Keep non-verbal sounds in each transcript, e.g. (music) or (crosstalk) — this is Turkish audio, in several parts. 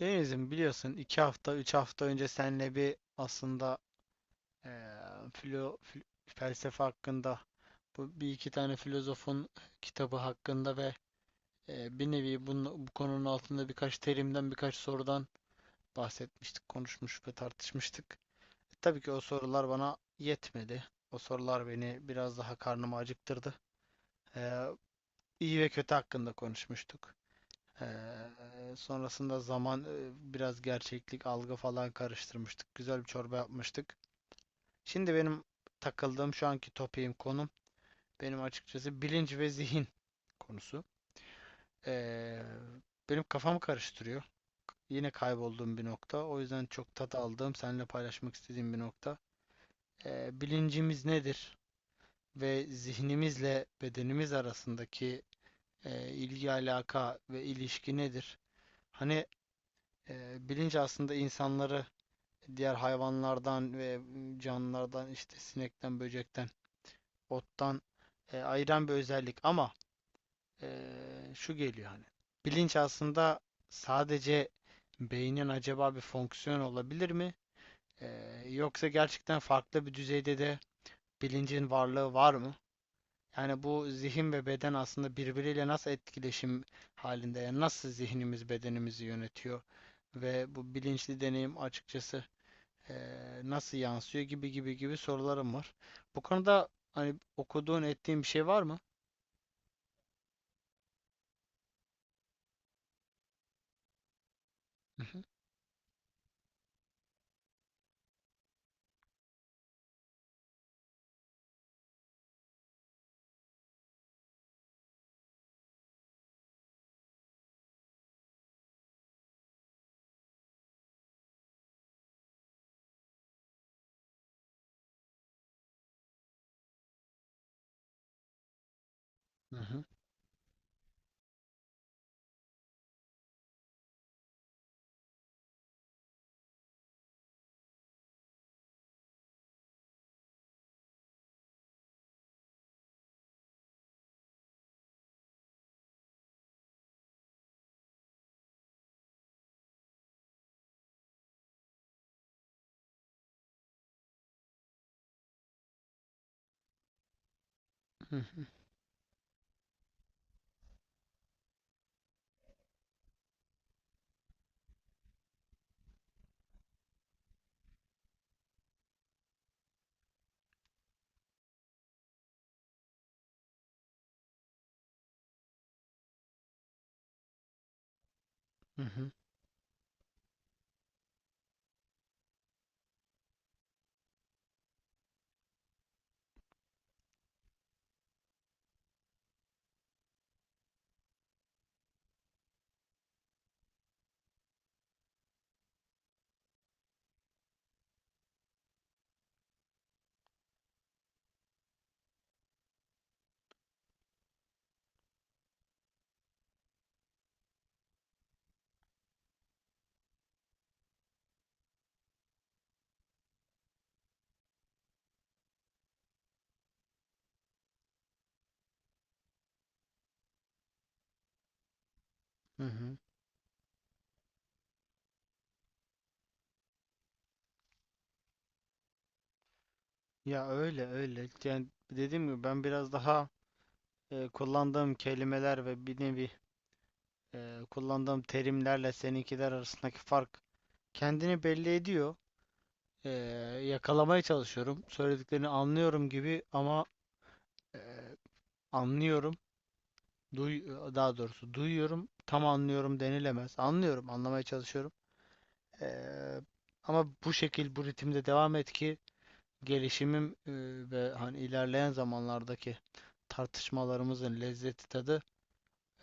Deniz'im biliyorsun iki hafta, üç hafta önce seninle bir aslında eee felsefe hakkında bu bir iki tane filozofun kitabı hakkında ve bir nevi bu konunun altında birkaç terimden birkaç sorudan bahsetmiştik, konuşmuş ve tartışmıştık. Tabii ki o sorular bana yetmedi. O sorular beni biraz daha karnımı acıktırdı. Eee iyi ve kötü hakkında konuşmuştuk. Sonrasında zaman biraz gerçeklik algı falan karıştırmıştık. Güzel bir çorba yapmıştık. Şimdi benim takıldığım şu anki topiğim konum benim açıkçası bilinç ve zihin (laughs) konusu. Ee, Benim kafamı karıştırıyor. Yine kaybolduğum bir nokta. O yüzden çok tat aldığım, seninle paylaşmak istediğim bir nokta. Bilincimiz nedir? Ve zihnimizle bedenimiz arasındaki ilgi alaka ve ilişki nedir? Hani bilinç aslında insanları diğer hayvanlardan ve canlılardan işte sinekten, böcekten, ottan ayıran bir özellik ama e, şu geliyor hani bilinç aslında sadece beynin acaba bir fonksiyon olabilir mi? E, Yoksa gerçekten farklı bir düzeyde de bilincin varlığı var mı? Yani bu zihin ve beden aslında birbiriyle nasıl etkileşim halinde? Yani nasıl zihnimiz bedenimizi yönetiyor? Ve bu bilinçli deneyim açıkçası nasıl yansıyor gibi gibi gibi sorularım var. Bu konuda hani okuduğun ettiğin bir şey var mı? Hı hı, hı hı, hı hı, hı hı, hı hı. Ya öyle öyle. Yani dediğim gibi ben biraz daha kullandığım kelimeler ve bir nevi kullandığım terimlerle seninkiler arasındaki fark kendini belli ediyor. Eee, Yakalamaya çalışıyorum. Söylediklerini anlıyorum gibi ama eee, anlıyorum. Duy, Daha doğrusu duyuyorum. Tam anlıyorum denilemez. Anlıyorum, anlamaya çalışıyorum. Eee, Ama bu şekil, bu ritimde devam et ki gelişimim ve hani ilerleyen zamanlardaki tartışmalarımızın lezzeti tadı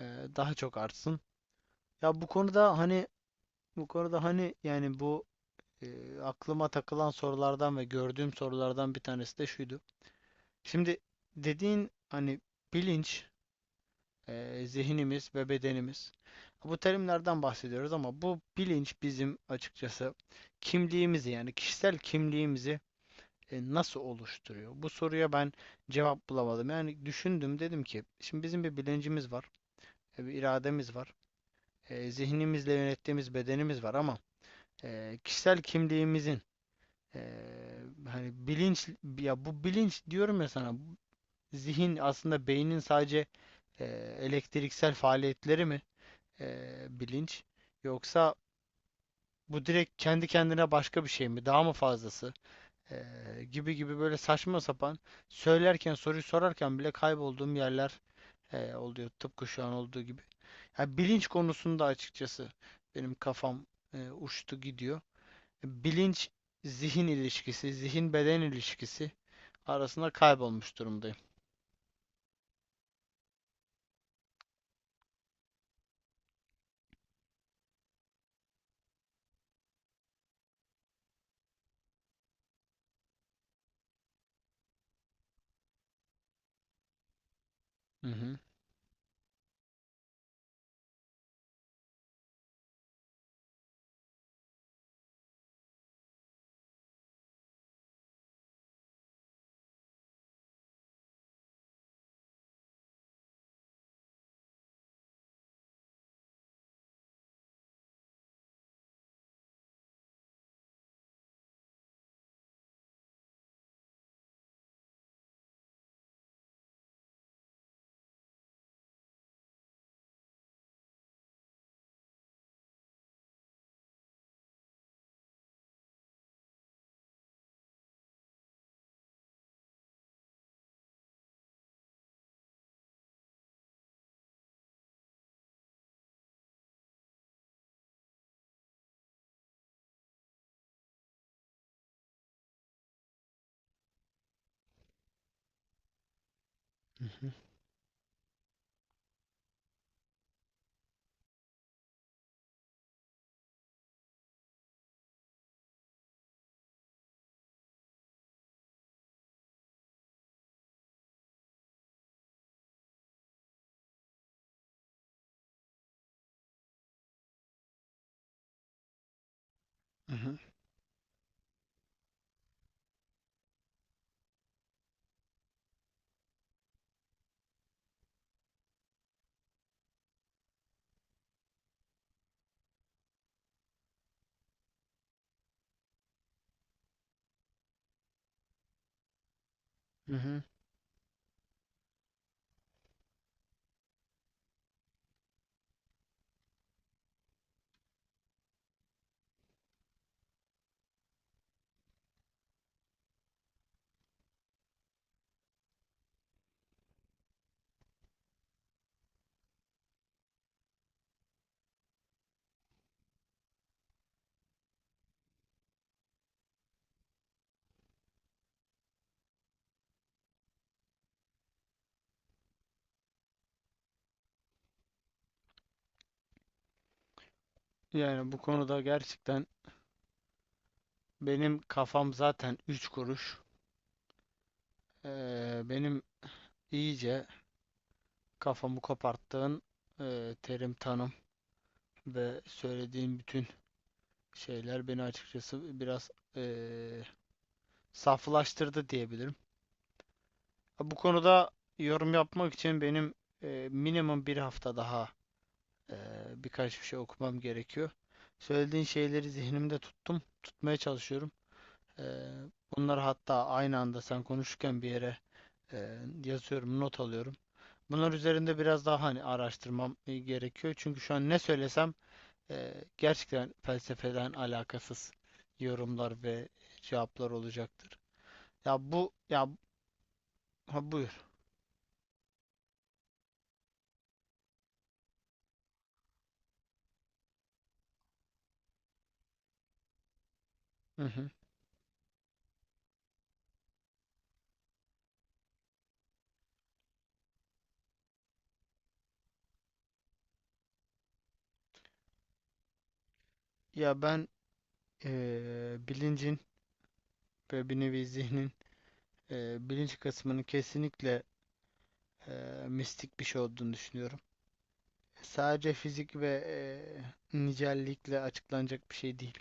eee, daha çok artsın. Ya bu konuda hani yani bu aklıma takılan sorulardan ve gördüğüm sorulardan bir tanesi de şuydu. Şimdi dediğin hani bilinç, zihnimiz ve bedenimiz. Bu terimlerden bahsediyoruz ama bu bilinç bizim açıkçası kimliğimizi yani kişisel kimliğimizi nasıl oluşturuyor? Bu soruya ben cevap bulamadım. Yani düşündüm dedim ki şimdi bizim bir bilincimiz var, bir irademiz var, zihnimizle yönettiğimiz bedenimiz var ama kişisel kimliğimizin e, hani bilinç ya bu bilinç diyorum ya sana zihin aslında beynin sadece e, elektriksel faaliyetleri mi bilinç yoksa bu direkt kendi kendine başka bir şey mi? Daha mı fazlası? Gibi gibi böyle saçma sapan söylerken soruyu sorarken bile kaybolduğum yerler oluyor tıpkı şu an olduğu gibi. Ya bilinç konusunda açıkçası benim kafam uçtu gidiyor. Bilinç zihin ilişkisi, zihin beden ilişkisi arasında kaybolmuş durumdayım. Hı hı, hı hı, hı hı, hı hı. Yani bu konuda gerçekten benim kafam zaten üç kuruş. Benim iyice kafamı koparttığın terim tanım. Ve söylediğim bütün şeyler beni açıkçası biraz eee saflaştırdı diyebilirim. Bu konuda yorum yapmak için benim minimum bir hafta daha eee, birkaç bir şey okumam gerekiyor. Söylediğin şeyleri zihnimde tuttum, tutmaya çalışıyorum. Eee, Bunları hatta aynı anda sen konuşurken bir yere eee, yazıyorum, not alıyorum. Bunlar üzerinde biraz daha hani araştırmam gerekiyor. Çünkü şu an ne söylesem gerçekten felsefeden alakasız yorumlar ve cevaplar olacaktır. Ya bu ya ha buyur. Hı hı. Ya ben bilincin ve bir nevi zihnin bilinç kısmının kesinlikle mistik bir şey olduğunu düşünüyorum. Sadece fizik ve nicellikle açıklanacak bir şey değil.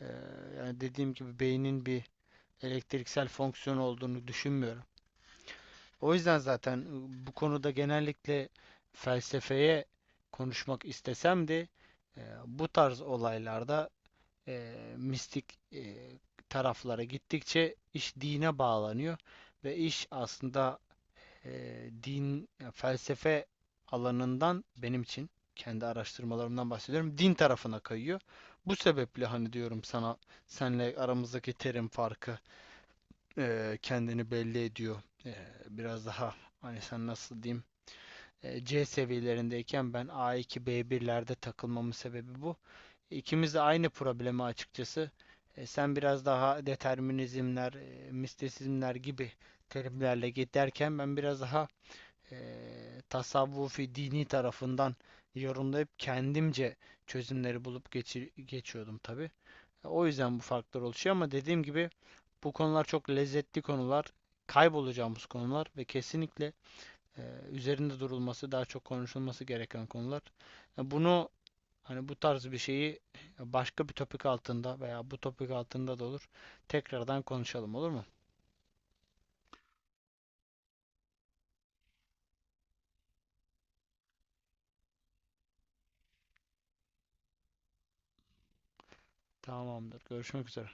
Eee, Yani dediğim gibi beynin bir elektriksel fonksiyon olduğunu düşünmüyorum. O yüzden zaten bu konuda genellikle felsefeye konuşmak istesem de bu tarz olaylarda mistik taraflara gittikçe iş dine bağlanıyor ve iş aslında din felsefe alanından benim için kendi araştırmalarımdan bahsediyorum din tarafına kayıyor. Bu sebeple hani diyorum sana senle aramızdaki terim farkı kendini belli ediyor. Biraz daha hani sen nasıl diyeyim C seviyelerindeyken ben a iki b birlerde takılmamın sebebi bu. İkimiz de aynı problemi açıkçası. Sen biraz daha determinizmler, mistisizmler gibi terimlerle giderken ben biraz daha e, tasavvufi dini tarafından yorumlayıp kendimce çözümleri bulup geçiyordum tabii. O yüzden bu farklar oluşuyor ama dediğim gibi bu konular çok lezzetli konular, kaybolacağımız konular ve kesinlikle e, üzerinde durulması, daha çok konuşulması gereken konular. Ya Bunu, bu tarz bir şeyi başka bir topik altında veya bu topik altında da olur tekrardan konuşalım olur mu? Tamamdır. Görüşmek üzere.